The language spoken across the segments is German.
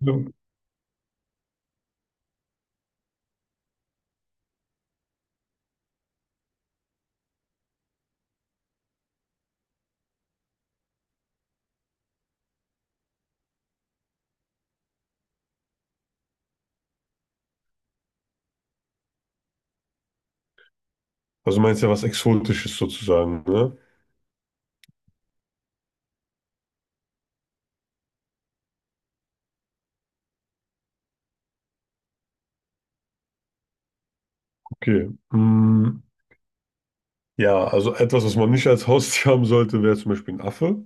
Ja. Also meinst ja was Exotisches sozusagen, ne? Okay. Mm, ja, also etwas, was man nicht als Haustier haben sollte, wäre zum Beispiel ein Affe.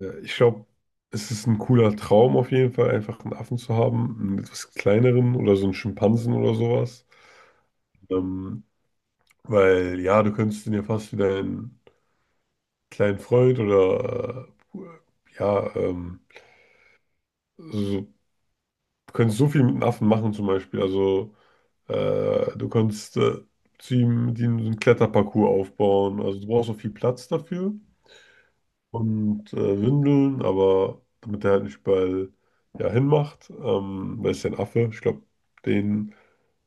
Ich glaube, es ist ein cooler Traum auf jeden Fall, einfach einen Affen zu haben, einen etwas kleineren oder so einen Schimpansen oder sowas. Ähm, weil ja, du könntest den ja fast wie deinen kleinen Freund oder äh, ja, so, du könntest so viel mit einem Affen machen zum Beispiel. Also du kannst zu ihm, die so einen Kletterparcours aufbauen. Also du brauchst auch viel Platz dafür und Windeln, aber damit er halt nicht überall ja, hinmacht, weil es ja ein Affe, ich glaube, den.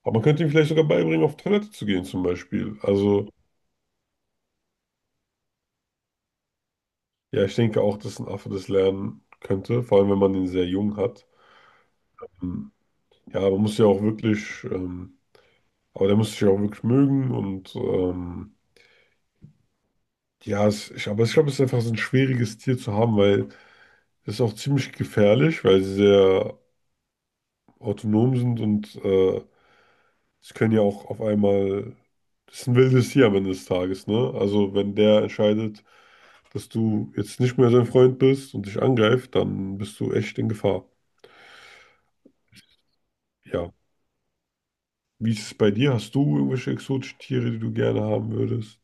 Aber man könnte ihm vielleicht sogar beibringen, auf Toilette zu gehen zum Beispiel. Also ja, ich denke auch, dass ein Affe das lernen könnte, vor allem wenn man den sehr jung hat. Ähm, Ja, man muss ja auch wirklich, aber der muss sich ja auch wirklich mögen und ja, aber ich glaube, es ist einfach so ein schwieriges Tier zu haben, weil es ist auch ziemlich gefährlich, weil sie sehr autonom sind und sie können ja auch auf einmal. Das ist ein wildes Tier am Ende des Tages, ne? Also, wenn der entscheidet, dass du jetzt nicht mehr sein Freund bist und dich angreift, dann bist du echt in Gefahr. Ja. Wie ist es bei dir? Hast du irgendwelche exotischen Tiere, die du gerne haben würdest?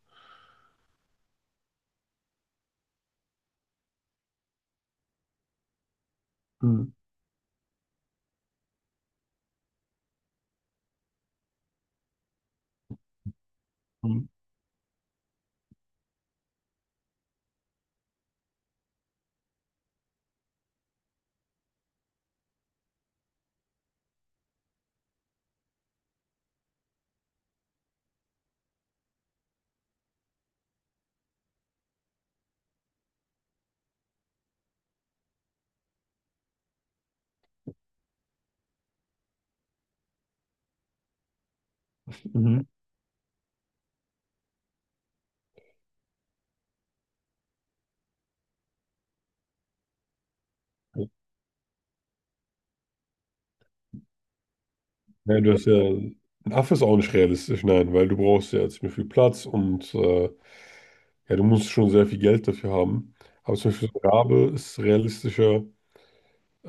Hm. Hm, Mhm. Nein, du hast ja. Ein Affe ist auch nicht realistisch, nein, weil du brauchst ja ziemlich viel Platz und ja, du musst schon sehr viel Geld dafür haben. Aber zum Beispiel so ein Rabe ist realistischer,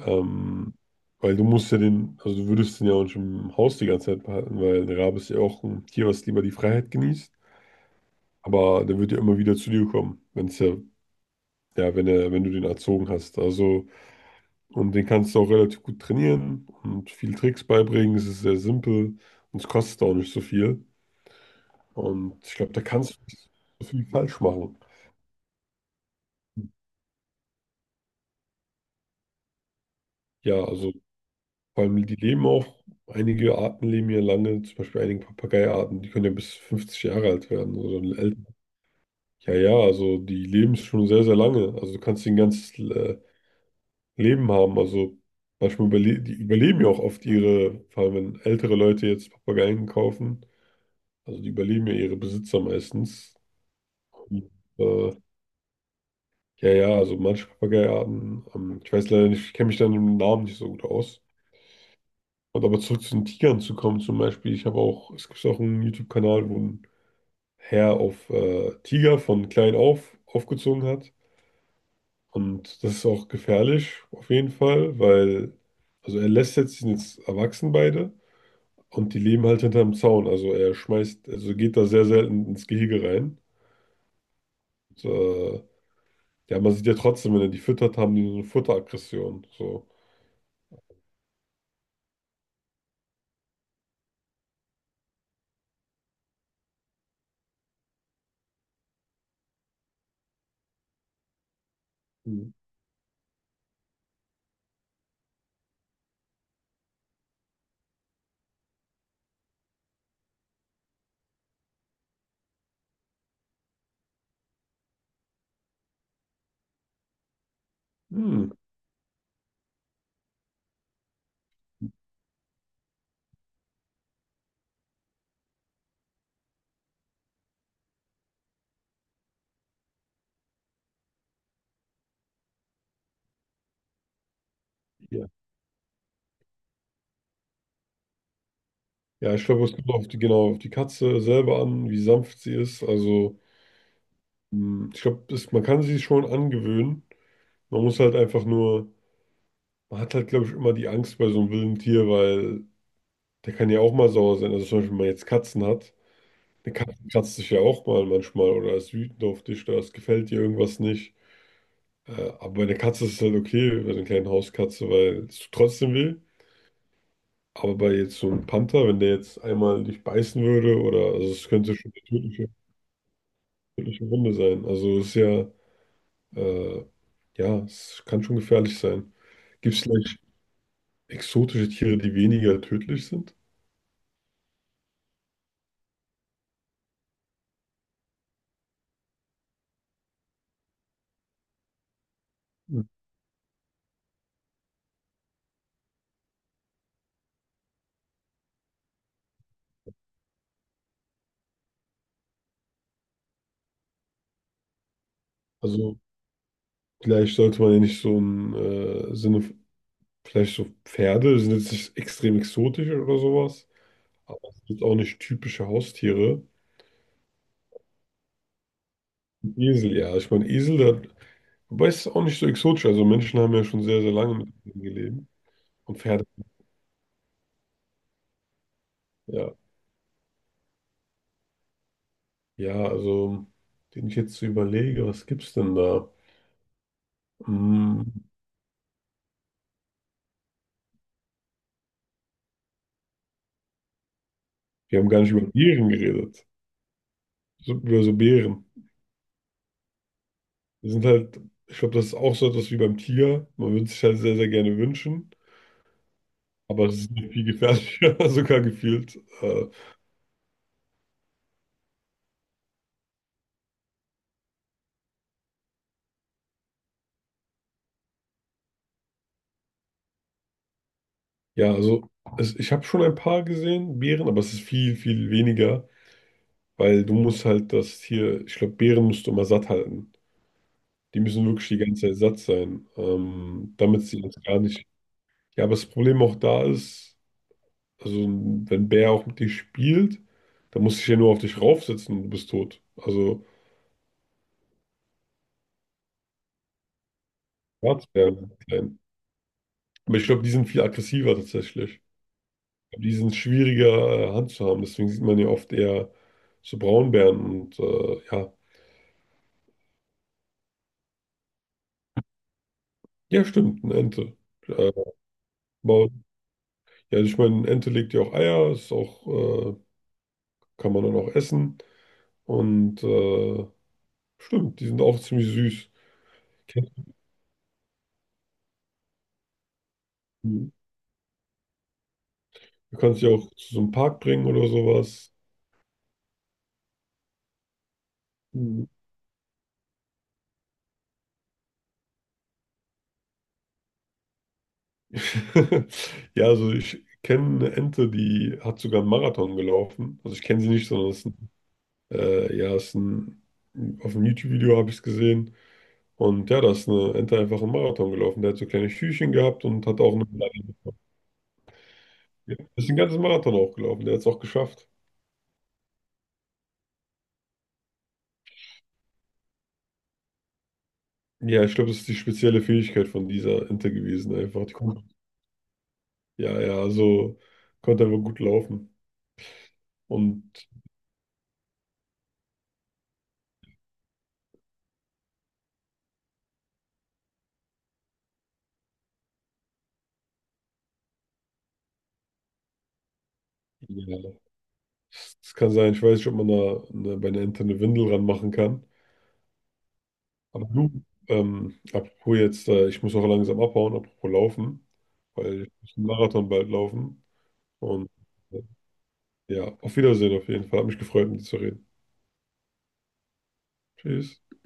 ähm, weil du musst ja den, also du würdest den ja auch nicht im Haus die ganze Zeit behalten, weil ein Rabe ist ja auch ein Tier, was lieber die Freiheit genießt. Aber der wird ja immer wieder zu dir kommen, wenn es ja, ja, wenn du den erzogen hast. Also, und den kannst du auch relativ gut trainieren und viel Tricks beibringen. Es ist sehr simpel und es kostet auch nicht so viel. Und ich glaube, da kannst du nicht so viel falsch machen. Ja, also. Vor allem, die leben auch, einige Arten leben ja lange, zum Beispiel einige Papageiarten, die können ja bis 50 Jahre alt werden oder älter. Ja, ja, also die leben schon sehr, sehr lange. Also du kannst ein ganzes Leben haben. Also manchmal überle die überleben ja auch oft ihre, vor allem wenn ältere Leute jetzt Papageien kaufen, also die überleben ja ihre Besitzer meistens. Und, äh, ja, ja, also manche Papageiarten, ich weiß leider nicht, ich kenne mich da mit dem Namen nicht so gut aus. Und aber zurück zu den Tigern zu kommen, zum Beispiel, ich habe auch, es gibt auch einen YouTube-Kanal, wo ein Herr auf Tiger von klein auf aufgezogen hat. Und das ist auch gefährlich, auf jeden Fall, weil, also er lässt jetzt, die sind jetzt erwachsen beide und die leben halt hinterm Zaun. Also er schmeißt, also geht da sehr selten ins Gehege rein. Und, ja, man sieht ja trotzdem, wenn er die füttert, haben die so eine Futteraggression. So. Mhm. Hm. Ja, ja, ich glaube, es kommt auf die, genau auf die Katze selber an, wie sanft sie ist. Also. Ich glaube, man kann sich schon angewöhnen. Man muss halt einfach nur, man hat halt, glaube ich, immer die Angst bei so einem wilden Tier, weil der kann ja auch mal sauer sein. Also zum Beispiel, wenn man jetzt Katzen hat, eine Katze kratzt sich ja auch mal manchmal oder ist wütend auf dich oder es gefällt dir irgendwas nicht. Äh, aber bei einer Katze ist es halt okay, bei so einer kleinen Hauskatze, weil es tut trotzdem weh. Aber bei jetzt so einem Panther, wenn der jetzt einmal dich beißen würde oder, also es könnte schon eine tödliche, tödliche Wunde sein. Also es ist ja. Äh, ja, es kann schon gefährlich sein. Gibt es vielleicht exotische Tiere, die weniger tödlich sind? Hm. Also vielleicht sollte man ja nicht so im Sinne, vielleicht so Pferde sind jetzt nicht extrem exotisch oder sowas, aber es sind auch nicht typische Haustiere. Ein Esel, ja, ich meine Esel, wobei es ist auch nicht so exotisch, also Menschen haben ja schon sehr, sehr lange mit Eseln gelebt und Pferde, ja. Ja, also, den ich jetzt so überlege, was gibt's denn da? Hm, wir haben gar nicht über Tieren geredet. So, ja, so Bären. Die sind halt, ich glaube, das ist auch so etwas wie beim Tiger. Man würde sich halt sehr, sehr gerne wünschen, aber es ist nicht viel gefährlicher, sogar gefühlt. Äh, ja, also ich habe schon ein paar gesehen, Bären, aber es ist viel, viel weniger, weil du musst halt das Tier, ich glaube, Bären musst du immer satt halten. Die müssen wirklich die ganze Zeit satt sein, damit sie uns gar nicht. Ja, aber das Problem auch da ist, also wenn ein Bär auch mit dir spielt, dann muss ich ja nur auf dich raufsetzen und du bist tot. Also. Schwarzbären, klein. Aber ich glaube, die sind viel aggressiver tatsächlich. Die sind schwieriger Hand zu haben. Deswegen sieht man ja oft eher so Braunbären und ja. Ja, stimmt, eine Ente. Äh, aber, ja, ich meine, eine Ente legt ja auch Eier, ist auch, kann man dann auch essen. Und stimmt, die sind auch ziemlich süß. Kennst Du du kannst sie auch zu so einem Park bringen oder sowas. Mhm. Ja, also ich kenne eine Ente, die hat sogar einen Marathon gelaufen. Also ich kenne sie nicht, sondern es ja, ist ein, auf dem YouTube-Video habe ich es gesehen. Und ja, da ist eine Ente einfach einen Marathon gelaufen. Der hat so kleine Schüchchen gehabt und hat auch eine Medaille bekommen. Ja, ist den ganzen Marathon auch gelaufen. Der hat es auch geschafft. Ja, ich glaube, das ist die spezielle Fähigkeit von dieser Ente gewesen, einfach. Die konnte, ja, ja, also konnte einfach gut laufen. Und ja, es kann sein, ich weiß nicht, ob man da eine, bei einer Ente eine Windel ranmachen kann. Aber du, apropos jetzt, ich muss auch langsam abhauen, apropos laufen, weil ich muss einen Marathon bald laufen. Und äh, ja, auf Wiedersehen auf jeden Fall. Hat mich gefreut, mit dir zu reden. Tschüss.